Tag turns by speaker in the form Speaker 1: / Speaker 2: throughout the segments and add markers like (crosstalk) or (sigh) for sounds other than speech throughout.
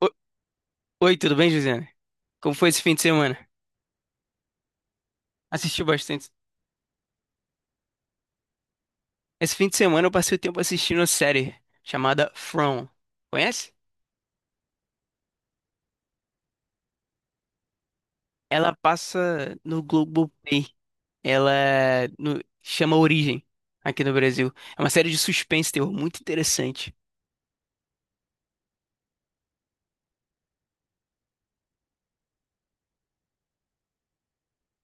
Speaker 1: O- Oi, tudo bem, Josiane? Como foi esse fim de semana? Assisti bastante. Esse fim de semana eu passei o tempo assistindo uma série chamada From. Conhece? Ela passa no Globoplay. Ela no- Chama Origem aqui no Brasil. É uma série de suspense e terror muito interessante.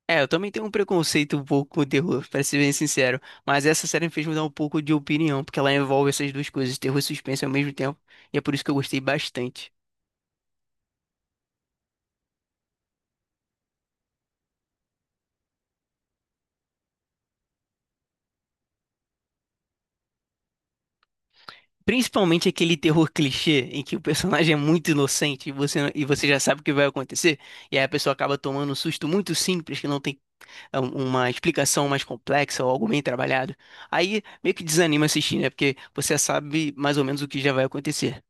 Speaker 1: É, eu também tenho um preconceito um pouco com o terror, pra ser bem sincero. Mas essa série me fez mudar um pouco de opinião, porque ela envolve essas duas coisas, terror e suspense ao mesmo tempo. E é por isso que eu gostei bastante. Principalmente aquele terror clichê em que o personagem é muito inocente e você já sabe o que vai acontecer, e aí a pessoa acaba tomando um susto muito simples, que não tem uma explicação mais complexa ou algo bem trabalhado. Aí meio que desanima assistir, né? Porque você já sabe mais ou menos o que já vai acontecer.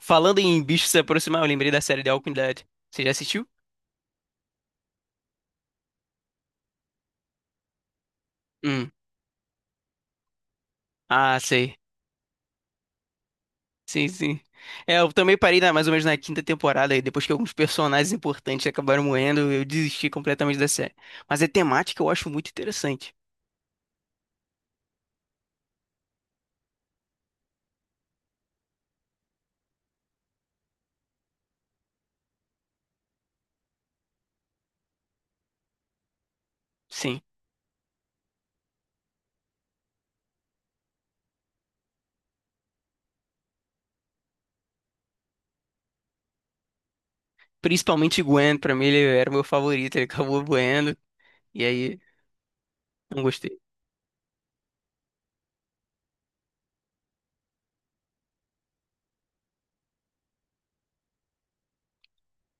Speaker 1: Falando em bichos se aproximar, eu lembrei da série The Walking Dead. Você já assistiu? Hum. Ah, sei. Sim, sim. É, eu também parei na, mais ou menos na quinta temporada, aí depois que alguns personagens importantes acabaram morrendo, eu desisti completamente da série. Mas a temática eu acho muito interessante. Sim. Principalmente Gwen, pra mim ele era o meu favorito, ele acabou morrendo, e aí não gostei.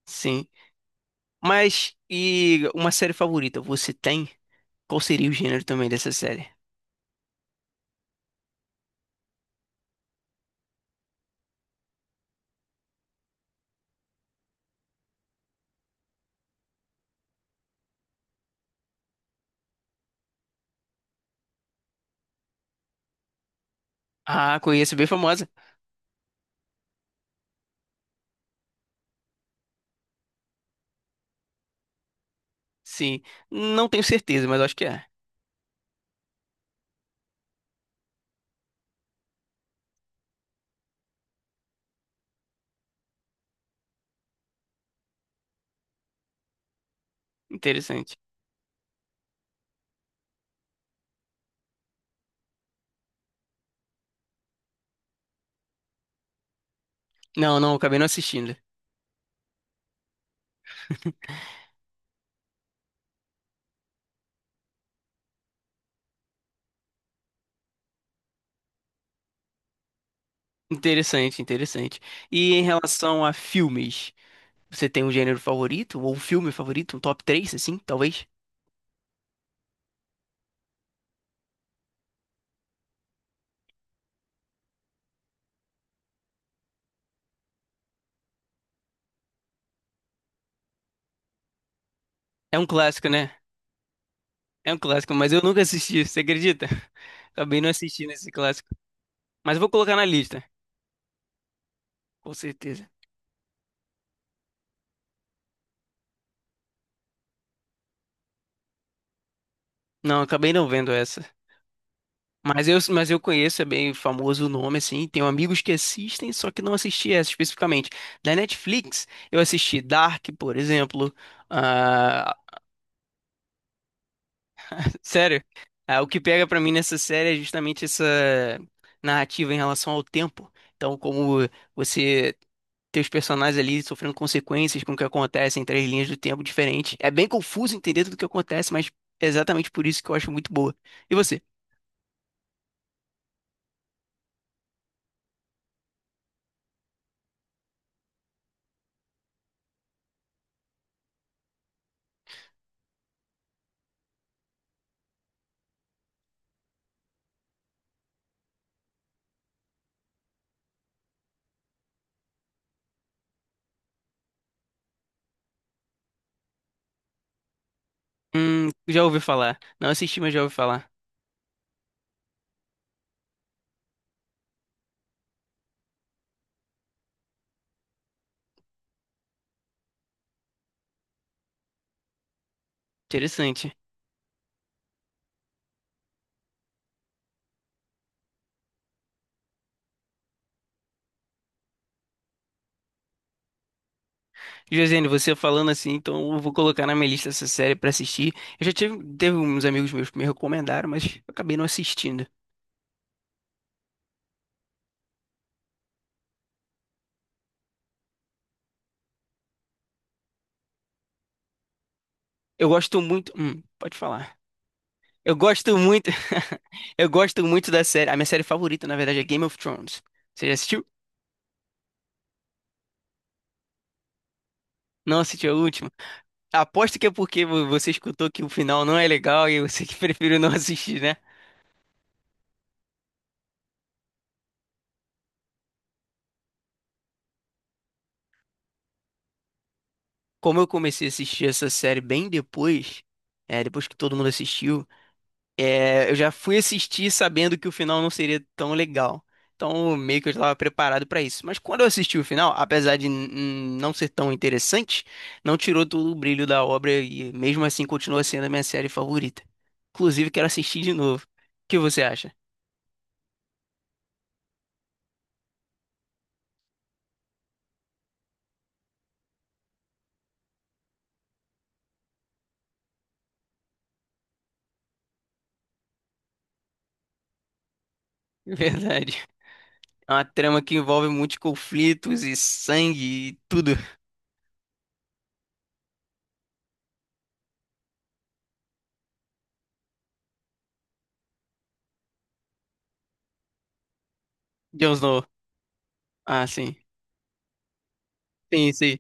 Speaker 1: Sim. Mas, e uma série favorita você tem? Qual seria o gênero também dessa série? Ah, conheço, bem famosa. Sim. Não tenho certeza, mas acho que é. Interessante. Não, não, acabei não assistindo. Interessante, interessante. E em relação a filmes, você tem um gênero favorito? Ou um filme favorito? Um top 3 assim, talvez? É um clássico, né? É um clássico, mas eu nunca assisti, você acredita? (laughs) Acabei não assistindo esse clássico. Mas vou colocar na lista, com certeza. Não, acabei não vendo essa. Mas eu conheço, é bem famoso o nome, assim. Tenho amigos que assistem, só que não assisti essa especificamente. Da Netflix, eu assisti Dark, por exemplo. Ah, sério. Ah, o que pega pra mim nessa série é justamente essa narrativa em relação ao tempo. Então, como você ter os personagens ali sofrendo consequências com o que acontece em três linhas do tempo diferentes. É bem confuso entender tudo o que acontece, mas é exatamente por isso que eu acho muito boa. E você? Já ouvi falar. Não assisti, mas já ouvi falar. Interessante. Josiane, você falando assim, então eu vou colocar na minha lista essa série pra assistir. Eu já tive, teve uns amigos meus que me recomendaram, mas eu acabei não assistindo. Eu gosto muito. Pode falar. Eu gosto muito. (laughs) Eu gosto muito da série. A minha série favorita, na verdade, é Game of Thrones. Você já assistiu? Não assistiu a última? Aposto que é porque você escutou que o final não é legal e você que (laughs) preferiu não assistir, né? Como eu comecei a assistir essa série bem depois, é, depois que todo mundo assistiu. É, eu já fui assistir sabendo que o final não seria tão legal. Então, meio que eu já estava preparado para isso. Mas quando eu assisti o final, apesar de não ser tão interessante, não tirou todo o brilho da obra e mesmo assim continua sendo a minha série favorita. Inclusive, quero assistir de novo. O que você acha? (laughs) Verdade. É uma trama que envolve muitos conflitos e sangue e tudo. Jon Snow. Ah, sim. Sim, sim.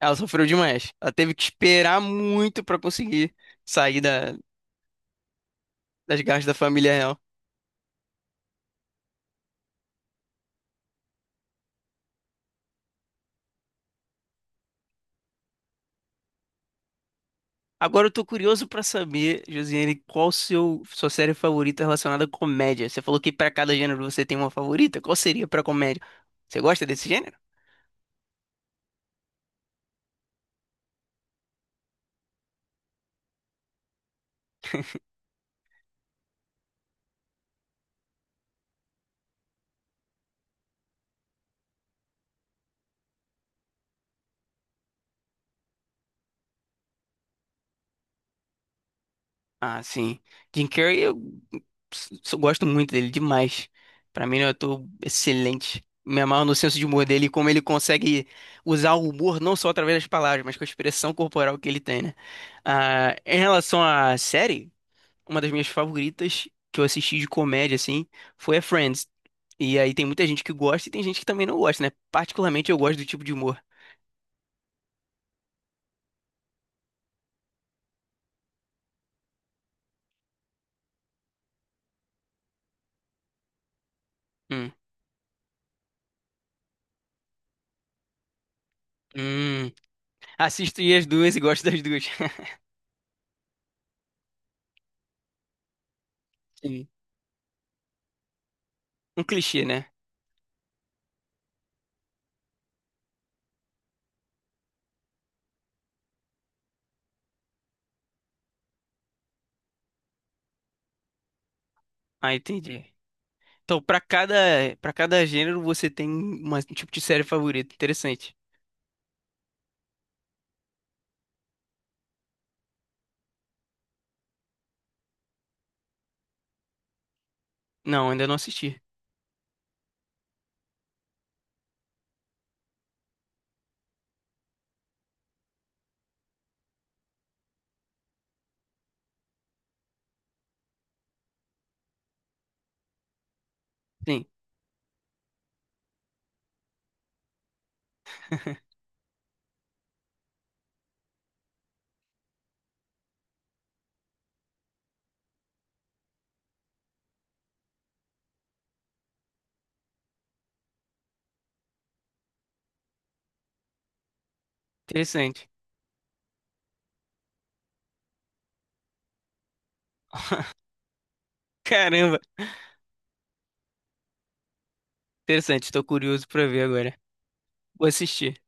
Speaker 1: Ela sofreu demais. Ela teve que esperar muito pra conseguir sair da- das garras da família real. Agora eu tô curioso pra saber, Josiane, qual seu sua série favorita relacionada à comédia? Você falou que pra cada gênero você tem uma favorita. Qual seria pra comédia? Você gosta desse gênero? Ah, sim. Jim Carrey, gosto muito dele demais. Pra mim, ele é um ator excelente. Me amarro no senso de humor dele e como ele consegue usar o humor não só através das palavras, mas com a expressão corporal que ele tem, né? Ah, em relação à série, uma das minhas favoritas que eu assisti de comédia, assim, foi a Friends. E aí tem muita gente que gosta e tem gente que também não gosta, né? Particularmente eu gosto do tipo de humor. Hum, hum. Assisto as duas e gosto das duas. (laughs) Sim. Um clichê, né? Ah, entendi. Então, pra cada, Para cada gênero você tem um tipo de série favorita. Interessante. Não, ainda não assisti. Sim, interessante. (laughs) Caramba, interessante. Estou curioso pra ver agora. Vou assistir.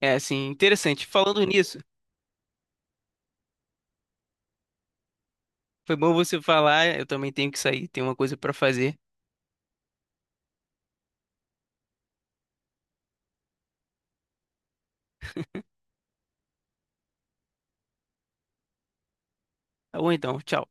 Speaker 1: É, assim, interessante. Falando nisso, foi bom você falar. Eu também tenho que sair, tenho uma coisa pra fazer. Tá bom então, tchau.